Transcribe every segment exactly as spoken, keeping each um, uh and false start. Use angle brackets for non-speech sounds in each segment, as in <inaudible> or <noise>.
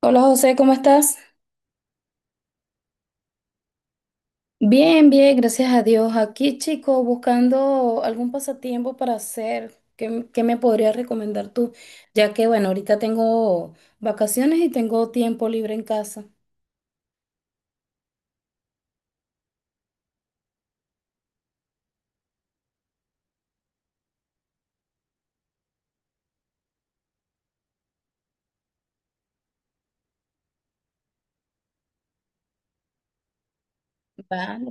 Hola José, ¿cómo estás? Bien, bien, gracias a Dios. Aquí, chico, buscando algún pasatiempo para hacer. ¿Qué, m- qué me podrías recomendar tú? Ya que, bueno, ahorita tengo vacaciones y tengo tiempo libre en casa. Vale,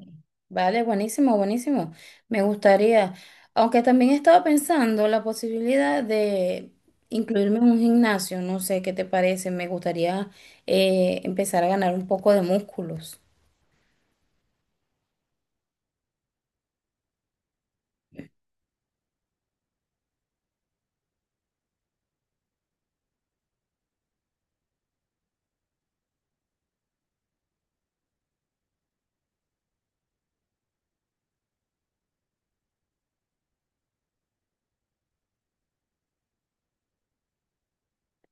vale, buenísimo, buenísimo. Me gustaría, aunque también estaba pensando la posibilidad de incluirme en un gimnasio, no sé qué te parece, me gustaría eh, empezar a ganar un poco de músculos.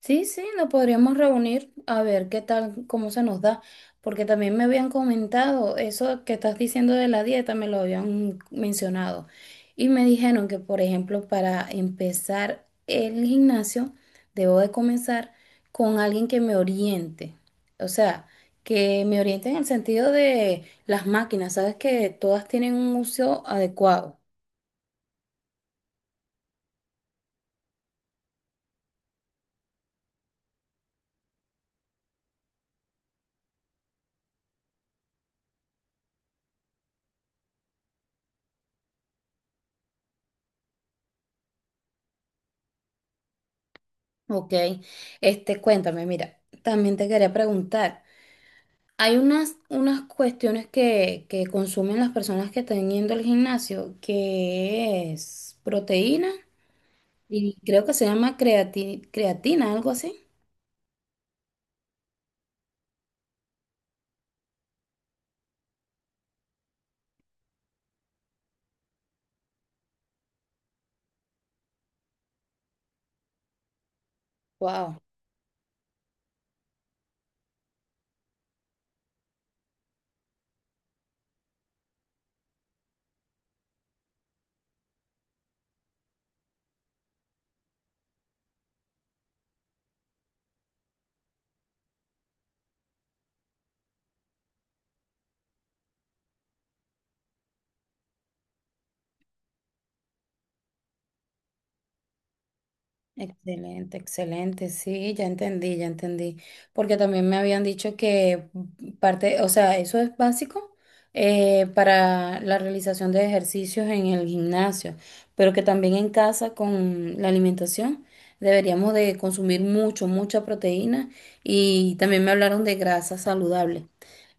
Sí, sí, nos podríamos reunir a ver qué tal, cómo se nos da, porque también me habían comentado eso que estás diciendo de la dieta, me lo habían mencionado y me dijeron que, por ejemplo, para empezar el gimnasio, debo de comenzar con alguien que me oriente, o sea, que me oriente en el sentido de las máquinas, sabes que todas tienen un uso adecuado, ¿ok? Este, cuéntame, mira, también te quería preguntar. Hay unas, unas cuestiones que, que consumen las personas que están yendo al gimnasio, que es proteína y creo que se llama creati- creatina, algo así. Wow. Excelente, excelente, sí, ya entendí, ya entendí, porque también me habían dicho que parte, o sea, eso es básico, eh, para la realización de ejercicios en el gimnasio, pero que también en casa con la alimentación deberíamos de consumir mucho, mucha proteína y también me hablaron de grasa saludable.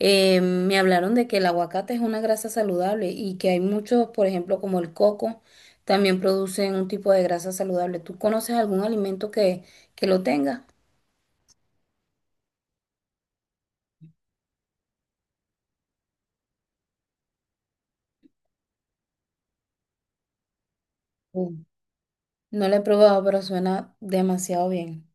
Eh, me hablaron de que el aguacate es una grasa saludable y que hay muchos, por ejemplo, como el coco. También producen un tipo de grasa saludable. ¿Tú conoces algún alimento que, que lo tenga? Uh, no lo he probado, pero suena demasiado bien.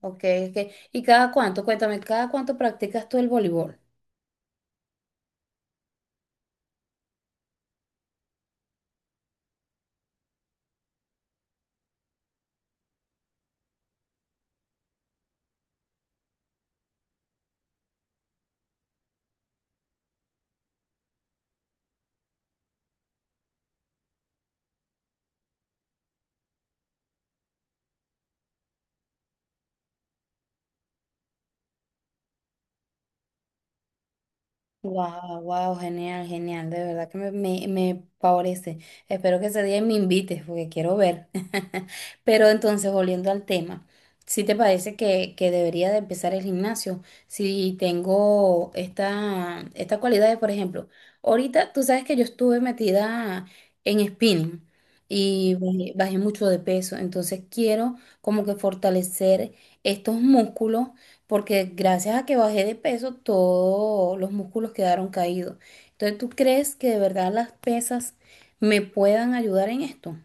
Ok, ok. ¿Y cada cuánto? Cuéntame, ¿cada cuánto practicas tú el voleibol? Wow, wow, genial, genial, de verdad que me, me, me favorece. Espero que ese día me invites porque quiero ver. <laughs> Pero entonces, volviendo al tema, ¿si te parece que, que debería de empezar el gimnasio? Si tengo esta, estas cualidades, por ejemplo, ahorita tú sabes que yo estuve metida en spinning y bajé, bajé mucho de peso, entonces quiero como que fortalecer estos músculos porque gracias a que bajé de peso, todos los músculos quedaron caídos. Entonces, ¿tú crees que de verdad las pesas me puedan ayudar en esto?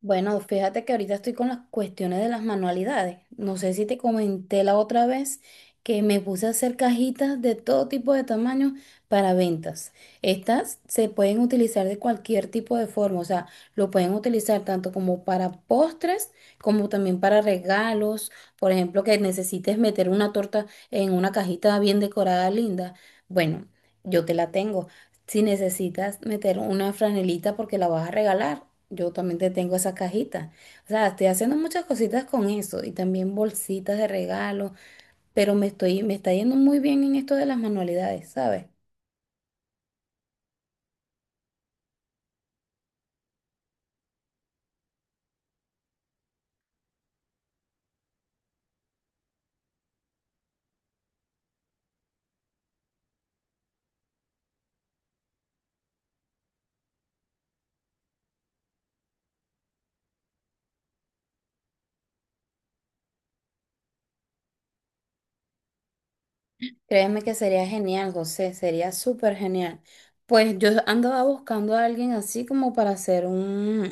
Bueno, fíjate que ahorita estoy con las cuestiones de las manualidades. No sé si te comenté la otra vez que me puse a hacer cajitas de todo tipo de tamaño para ventas. Estas se pueden utilizar de cualquier tipo de forma, o sea, lo pueden utilizar tanto como para postres como también para regalos. Por ejemplo, que necesites meter una torta en una cajita bien decorada, linda. Bueno, yo te la tengo. Si necesitas meter una franelita porque la vas a regalar, yo también te tengo esa cajita. O sea, estoy haciendo muchas cositas con eso y también bolsitas de regalo, pero me estoy, me está yendo muy bien en esto de las manualidades, ¿sabes? Créeme que sería genial, José, sería súper genial. Pues yo andaba buscando a alguien así como para hacer un,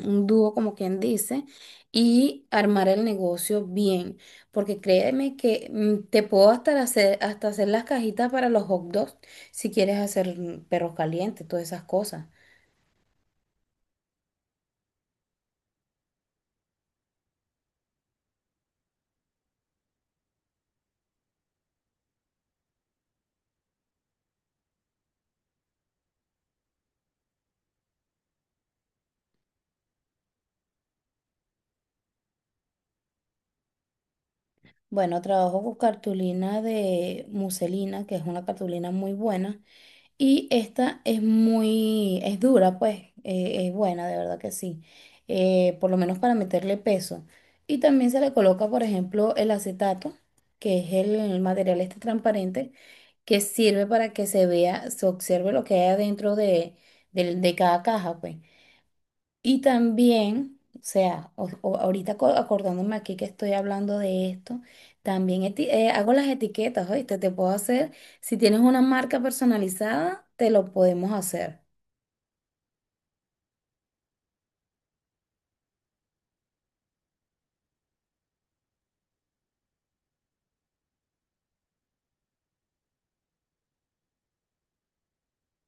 un dúo, como quien dice, y armar el negocio bien. Porque créeme que mm, te puedo hasta hacer, hasta hacer las cajitas para los hot dogs si quieres hacer mm, perros calientes, todas esas cosas. Bueno, trabajo con cartulina de muselina, que es una cartulina muy buena. Y esta es muy, es dura, pues, eh, es buena, de verdad que sí. Eh, por lo menos para meterle peso. Y también se le coloca, por ejemplo, el acetato, que es el material este transparente, que sirve para que se vea, se observe lo que hay adentro de, del- de cada caja, pues. Y también, o sea, o- o- ahorita aco- acordándome aquí que estoy hablando de esto, también eti- eh, hago las etiquetas, ¿oíste? Te puedo hacer, si tienes una marca personalizada, te lo podemos hacer.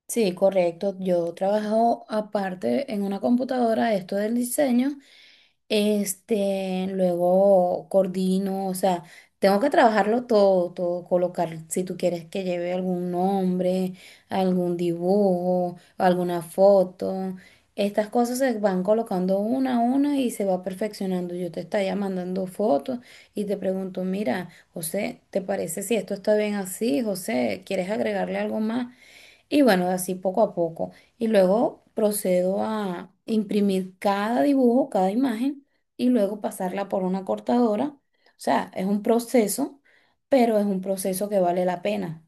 Sí, correcto. Yo trabajo aparte en una computadora, esto del diseño. Este, luego coordino, o sea, tengo que trabajarlo todo, todo, colocar, si tú quieres que lleve algún nombre, algún dibujo, alguna foto. Estas cosas se van colocando una a una y se va perfeccionando. Yo te estaría mandando fotos y te pregunto, mira, José, ¿te parece si esto está bien así? José, ¿quieres agregarle algo más? Y bueno, así poco a poco. Y luego procedo a imprimir cada dibujo, cada imagen, y luego pasarla por una cortadora. O sea, es un proceso, pero es un proceso que vale la pena.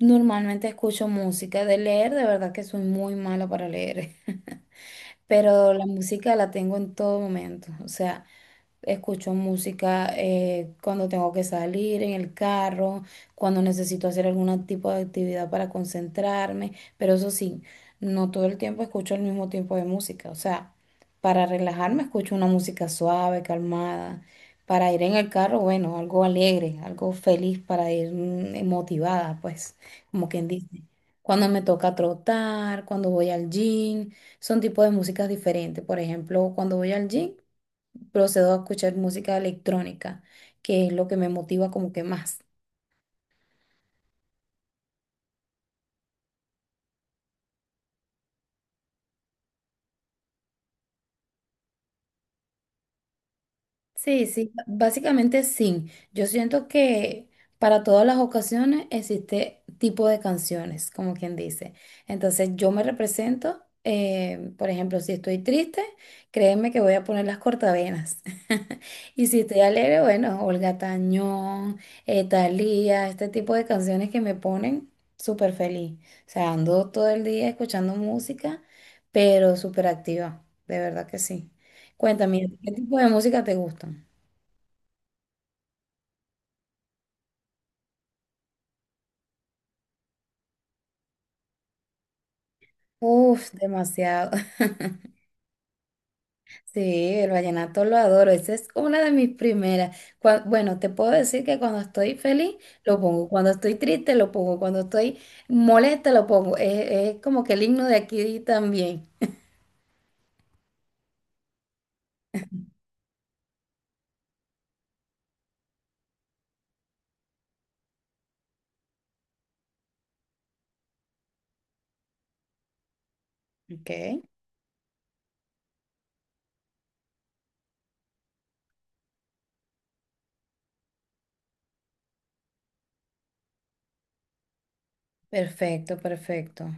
Normalmente escucho música, de leer, de verdad que soy muy mala para leer, <laughs> pero la música la tengo en todo momento. O sea, escucho música eh, cuando tengo que salir en el carro, cuando necesito hacer algún tipo de actividad para concentrarme, pero eso sí, no todo el tiempo escucho el mismo tipo de música. O sea, para relajarme escucho una música suave, calmada. Para ir en el carro, bueno, algo alegre, algo feliz para ir mm, motivada, pues, como quien dice. Cuando me toca trotar, cuando voy al gym. Son tipos de músicas diferentes. Por ejemplo, cuando voy al gym, procedo a escuchar música electrónica, que es lo que me motiva como que más. Sí, sí, básicamente sí. Yo siento que para todas las ocasiones existe tipo de canciones, como quien dice. Entonces yo me represento, eh, por ejemplo, si estoy triste, créeme que voy a poner las cortavenas. Y si estoy alegre, bueno, Olga Tañón, eh, Thalía, este tipo de canciones que me ponen súper feliz. O sea, ando todo el día escuchando música, pero súper activa, de verdad que sí. Cuéntame, ¿qué tipo de música te gustan? Uf, demasiado. <laughs> Sí, el vallenato lo adoro. Esa es una de mis primeras. Cua- bueno, te puedo decir que cuando estoy feliz lo pongo, cuando estoy triste lo pongo, cuando estoy molesta lo pongo. Es, es como que el himno de aquí también. Ok. Perfecto, perfecto.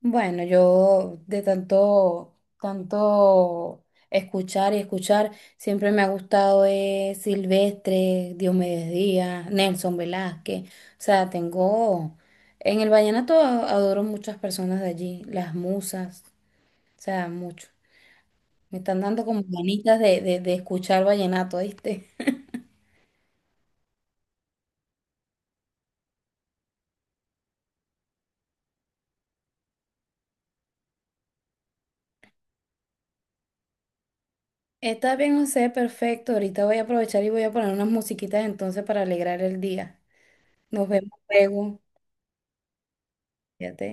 Bueno, yo de tanto, tanto escuchar y escuchar, siempre me ha gustado, eh, Silvestre, Diomedes Díaz, Nelson Velázquez. O sea, tengo, en el vallenato a- adoro muchas personas de allí, las musas, o sea, mucho. Me están dando como ganitas de, de, de escuchar vallenato, ¿viste? <laughs> Está bien, José, perfecto. Ahorita voy a aprovechar y voy a poner unas musiquitas entonces para alegrar el día. Nos vemos luego. Fíjate.